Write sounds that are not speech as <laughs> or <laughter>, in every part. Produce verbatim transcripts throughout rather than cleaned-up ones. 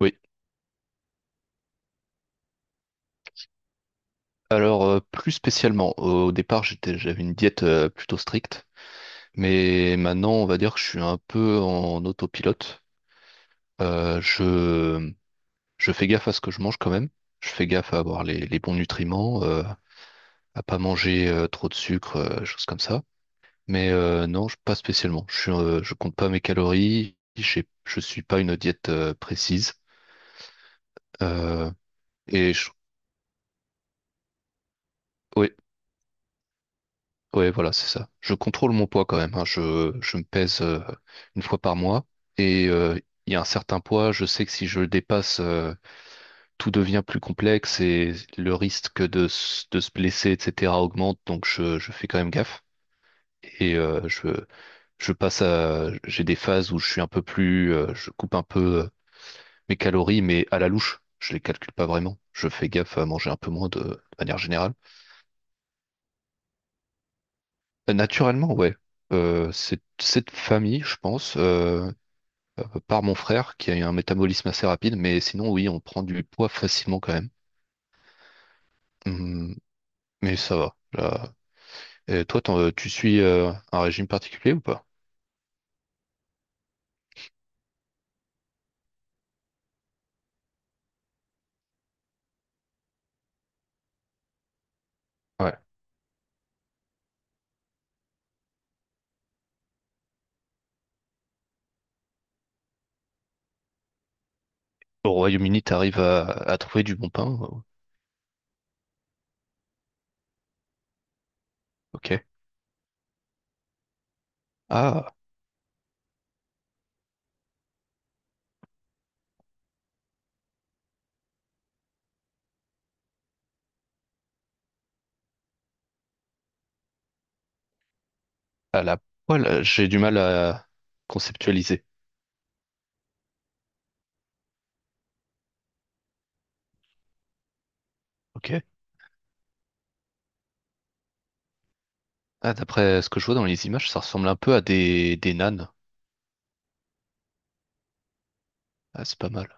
Oui, alors euh, plus spécialement, au départ j'étais, j'avais une diète euh, plutôt stricte, mais maintenant on va dire que je suis un peu en autopilote. Euh, je, je fais gaffe à ce que je mange quand même, je fais gaffe à avoir les, les bons nutriments, euh, à pas manger euh, trop de sucre, euh, choses comme ça. Mais euh, non, je- pas spécialement. Je suis, euh, je compte pas mes calories, j'ai- je suis pas une diète euh, précise. Euh, et je, oui. Ouais, voilà, c'est ça. Je contrôle mon poids quand même, hein. Je, je me pèse euh, une fois par mois, et euh, il y a un certain poids, je sais que si je le dépasse, euh, tout devient plus complexe et le risque de, s- de se blesser, et cetera, augmente, donc je, je fais quand même gaffe. Et euh, je, je passe à... j'ai des phases où je suis un peu plus... euh, je coupe un peu euh, mes calories, mais à la louche. Je les calcule pas vraiment. Je fais gaffe à manger un peu moins de, de manière générale. Euh, Naturellement, ouais. Euh, c'est cette famille, je pense, euh, euh, par mon frère qui a eu un métabolisme assez rapide, mais sinon, oui, on prend du poids facilement quand même. Hum, mais ça va là. Et toi, t'en- tu suis euh, un régime particulier ou pas? Ouais. Au Royaume-Uni, t'arrives à, à trouver du bon pain? euh, Ok. Ah, à la poêle, j'ai du mal à conceptualiser. Ok. Ah, d'après ce que je vois dans les images, ça ressemble un peu à des, des nanes. Ah, c'est pas mal.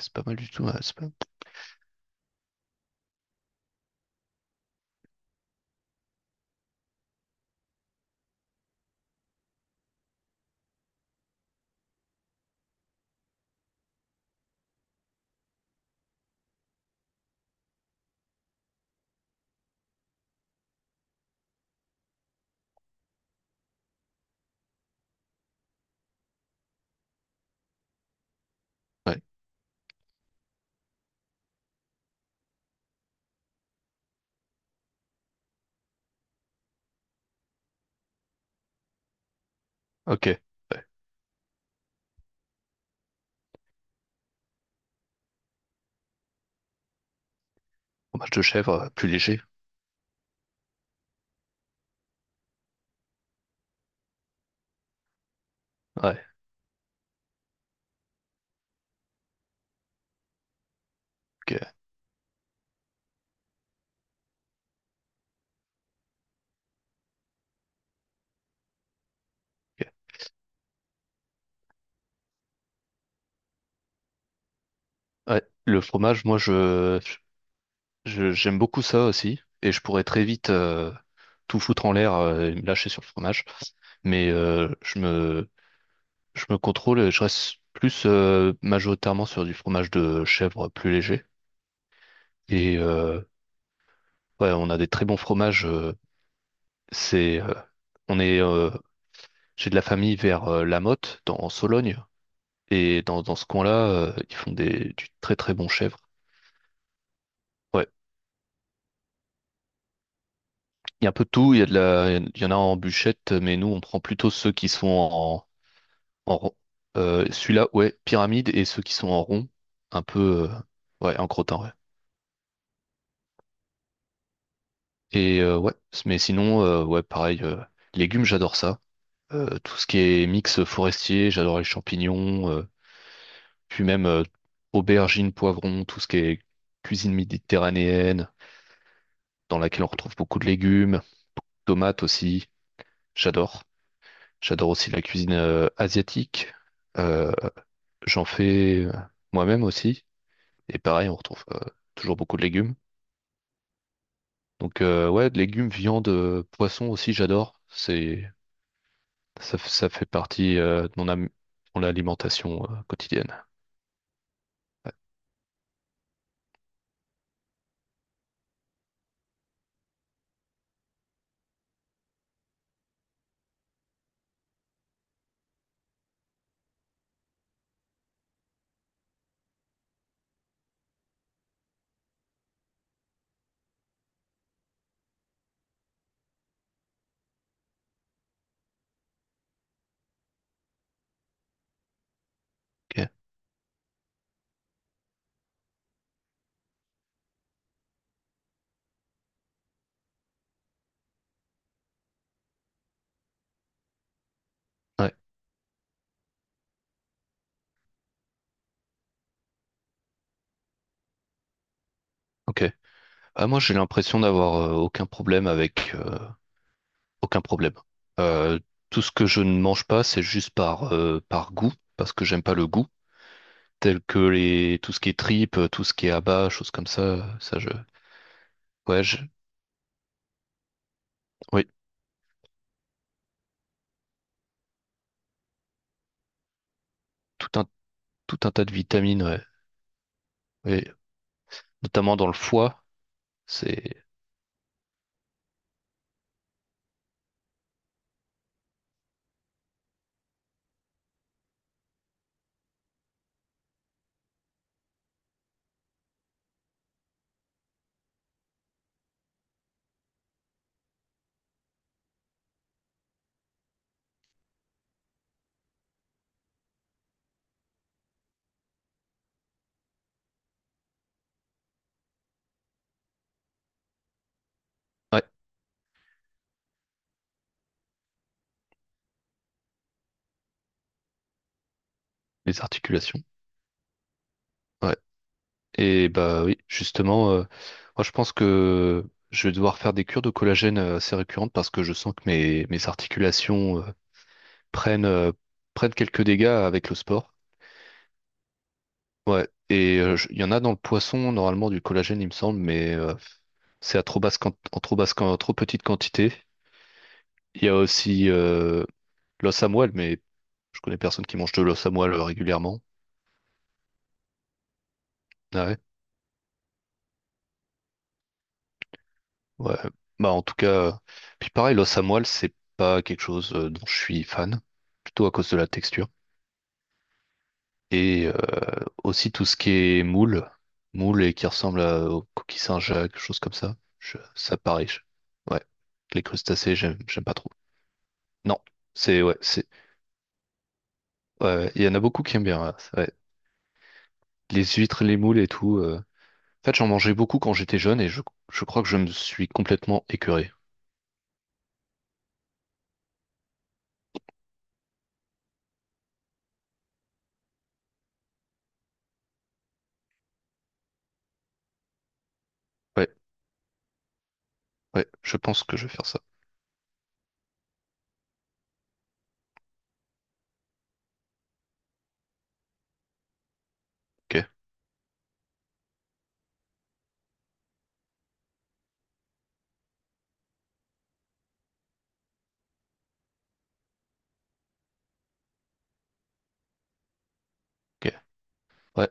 C'est pas mal du tout, hein, c'est pas- Ouais, ok. Ouais. Fromage de chèvre, euh, plus léger. Ouais, ok. Ok. Ouais, le fromage, moi, je, je- j'aime beaucoup ça aussi. Et je pourrais très vite euh, tout foutre en l'air euh, et me lâcher sur le fromage. Mais euh, je me, je me contrôle et je reste plus euh, majoritairement sur du fromage de chèvre plus léger. Et euh, ouais, on a des très bons fromages. euh, C'est, euh, on est, euh, j'ai de la famille vers euh, La Motte, dans, en Sologne, et dans, dans ce coin-là, euh, ils font des, du très très bon chèvre. Ouais, il y a un peu de tout, il y a de la, il y en a en bûchette, mais nous on prend plutôt ceux qui sont en, en, rond. Euh, celui-là, ouais, pyramide, et ceux qui sont en rond, un peu, euh, ouais, en crottin, ouais. Et euh, ouais, mais sinon, euh, ouais, pareil, euh, légumes, j'adore ça. Euh, tout ce qui est mix forestier, j'adore les champignons. euh, Puis même euh, aubergines, poivrons, tout ce qui est cuisine méditerranéenne, dans laquelle on retrouve beaucoup de légumes, tomates aussi, j'adore. J'adore aussi la cuisine euh, asiatique. Euh, J'en fais euh, moi-même aussi. Et pareil, on retrouve euh, toujours beaucoup de légumes. Donc euh, ouais, de légumes, viande, euh, poisson aussi, j'adore. C'est Ça, f- ça fait partie euh, de mon, am- mon alimentation euh, quotidienne. Ouais. Ok. Ouais, ok. Ah, moi, j'ai l'impression d'avoir euh, aucun problème avec euh, aucun problème. Euh, Tout ce que je ne mange pas, c'est juste par, euh, par goût, parce que j'aime pas le goût, tels que les tout ce qui est tripes, tout ce qui est abats, choses comme ça. euh, Ça, je, Ouais, je- oui, tout un tout un tas de vitamines, ouais. Oui, notamment dans le foie, c'est ouais, les articulations, ouais. Et bah oui, justement, euh, moi je pense que je vais devoir faire des cures de collagène euh, assez récurrentes parce que je sens que mes mes articulations euh, prennent euh, prennent quelques dégâts avec le sport. Ouais, et euh, je- il y en a dans le poisson, normalement, du collagène, il me semble, mais euh, c'est à trop basse, quan- en trop basse, quan- en trop petite quantité. Il y a aussi euh, l'os à moelle, mais je connais personne qui mange de l'os à moelle euh, régulièrement. Ah ouais? Ouais. Bah en tout cas, euh, puis pareil, l'os à moelle, c'est pas quelque chose euh, dont je suis fan, plutôt à cause de la texture. Et euh, aussi tout ce qui est moule, moule et qui ressemble à, aux coquilles Saint-Jacques, choses comme ça. Je- ça pareil. Je- ouais. Les crustacés, j'aime, j'aime pas trop. Non, c'est ouais, c'est ouais, ouais. Il y en a beaucoup qui aiment bien. Ouais. Ouais. Les huîtres, les moules et tout. euh, En fait, j'en mangeais beaucoup quand j'étais jeune et je, je crois que je me suis complètement écœuré. Ouais, ouais, je pense que je vais faire ça. Ok, ok, ouais,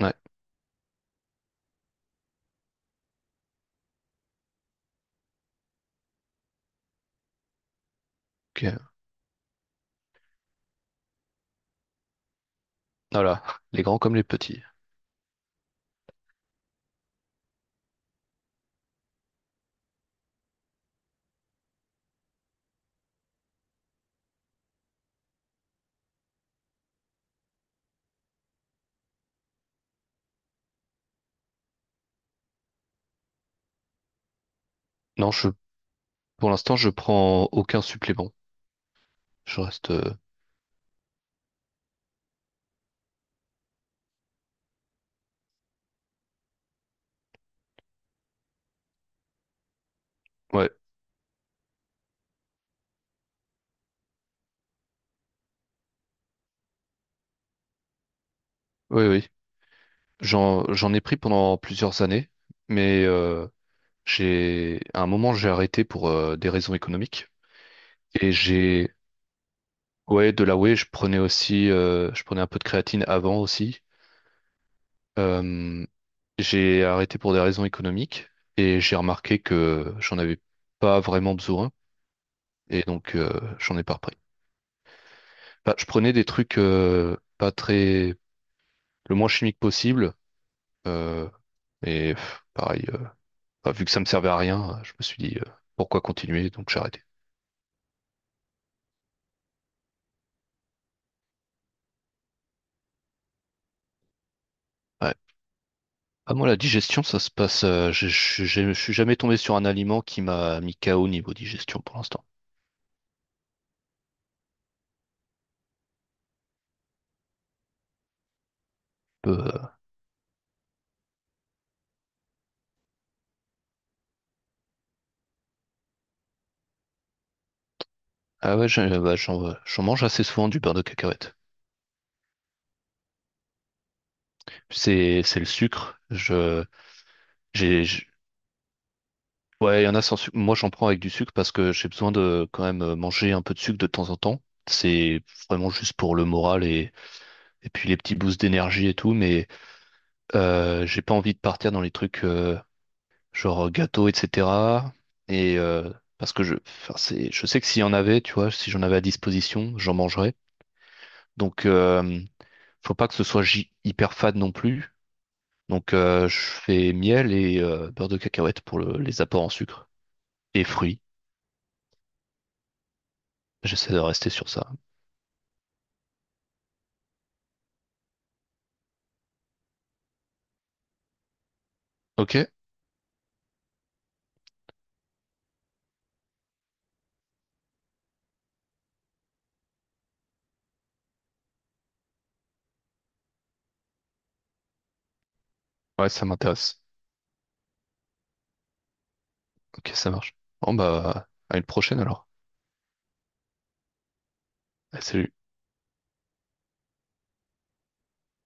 ouais, ok. Voilà, <laughs> les grands comme les petits. Non, je, pour l'instant, je prends aucun supplément. Je reste. euh, Ouais, oui, oui. J'en, j'en ai pris pendant plusieurs années, mais euh, j'ai, à un moment, j'ai arrêté pour euh, des raisons économiques. Et j'ai, ouais, de la whey, je prenais aussi, euh, je prenais un peu de créatine avant aussi. Euh, j'ai arrêté pour des raisons économiques et j'ai remarqué que j'en avais pas vraiment besoin et donc euh, j'en ai pas repris. Bah, je prenais des trucs euh, pas très, le moins chimique possible euh, et pff, pareil. euh, Enfin, vu que ça me servait à rien, euh, je me suis dit euh, pourquoi continuer, donc j'ai arrêté. Ouais. Ah, moi, la digestion, ça se passe. euh, je je- je- je suis jamais tombé sur un aliment qui m'a mis K O au niveau digestion pour l'instant. Peu, euh, Ah ouais, j'ai- bah, j'en euh, j'en mange assez souvent du beurre de cacahuète. C'est c'est le sucre. Je j'ai j'- ouais, il y en a sans sucre. Moi, j'en prends avec du sucre parce que j'ai besoin de quand même euh, manger un peu de sucre de temps en temps. C'est vraiment juste pour le moral, et, et puis les petits boosts d'énergie et tout, mais euh, j'ai pas envie de partir dans les trucs. euh, genre euh, gâteau, et cetera. Et euh, parce que je, enfin, c'est, je sais que s'il y en avait, tu vois, si j'en avais à disposition, j'en mangerais. Donc, euh, faut pas que ce soit gi- hyper fade non plus. Donc, euh, je fais miel et euh, beurre de cacahuète pour le- les apports en sucre et fruits. J'essaie de rester sur ça. Ok? Ouais, ça m'intéresse. Ok, ça marche. Bon, bah, à une prochaine alors. Allez, salut.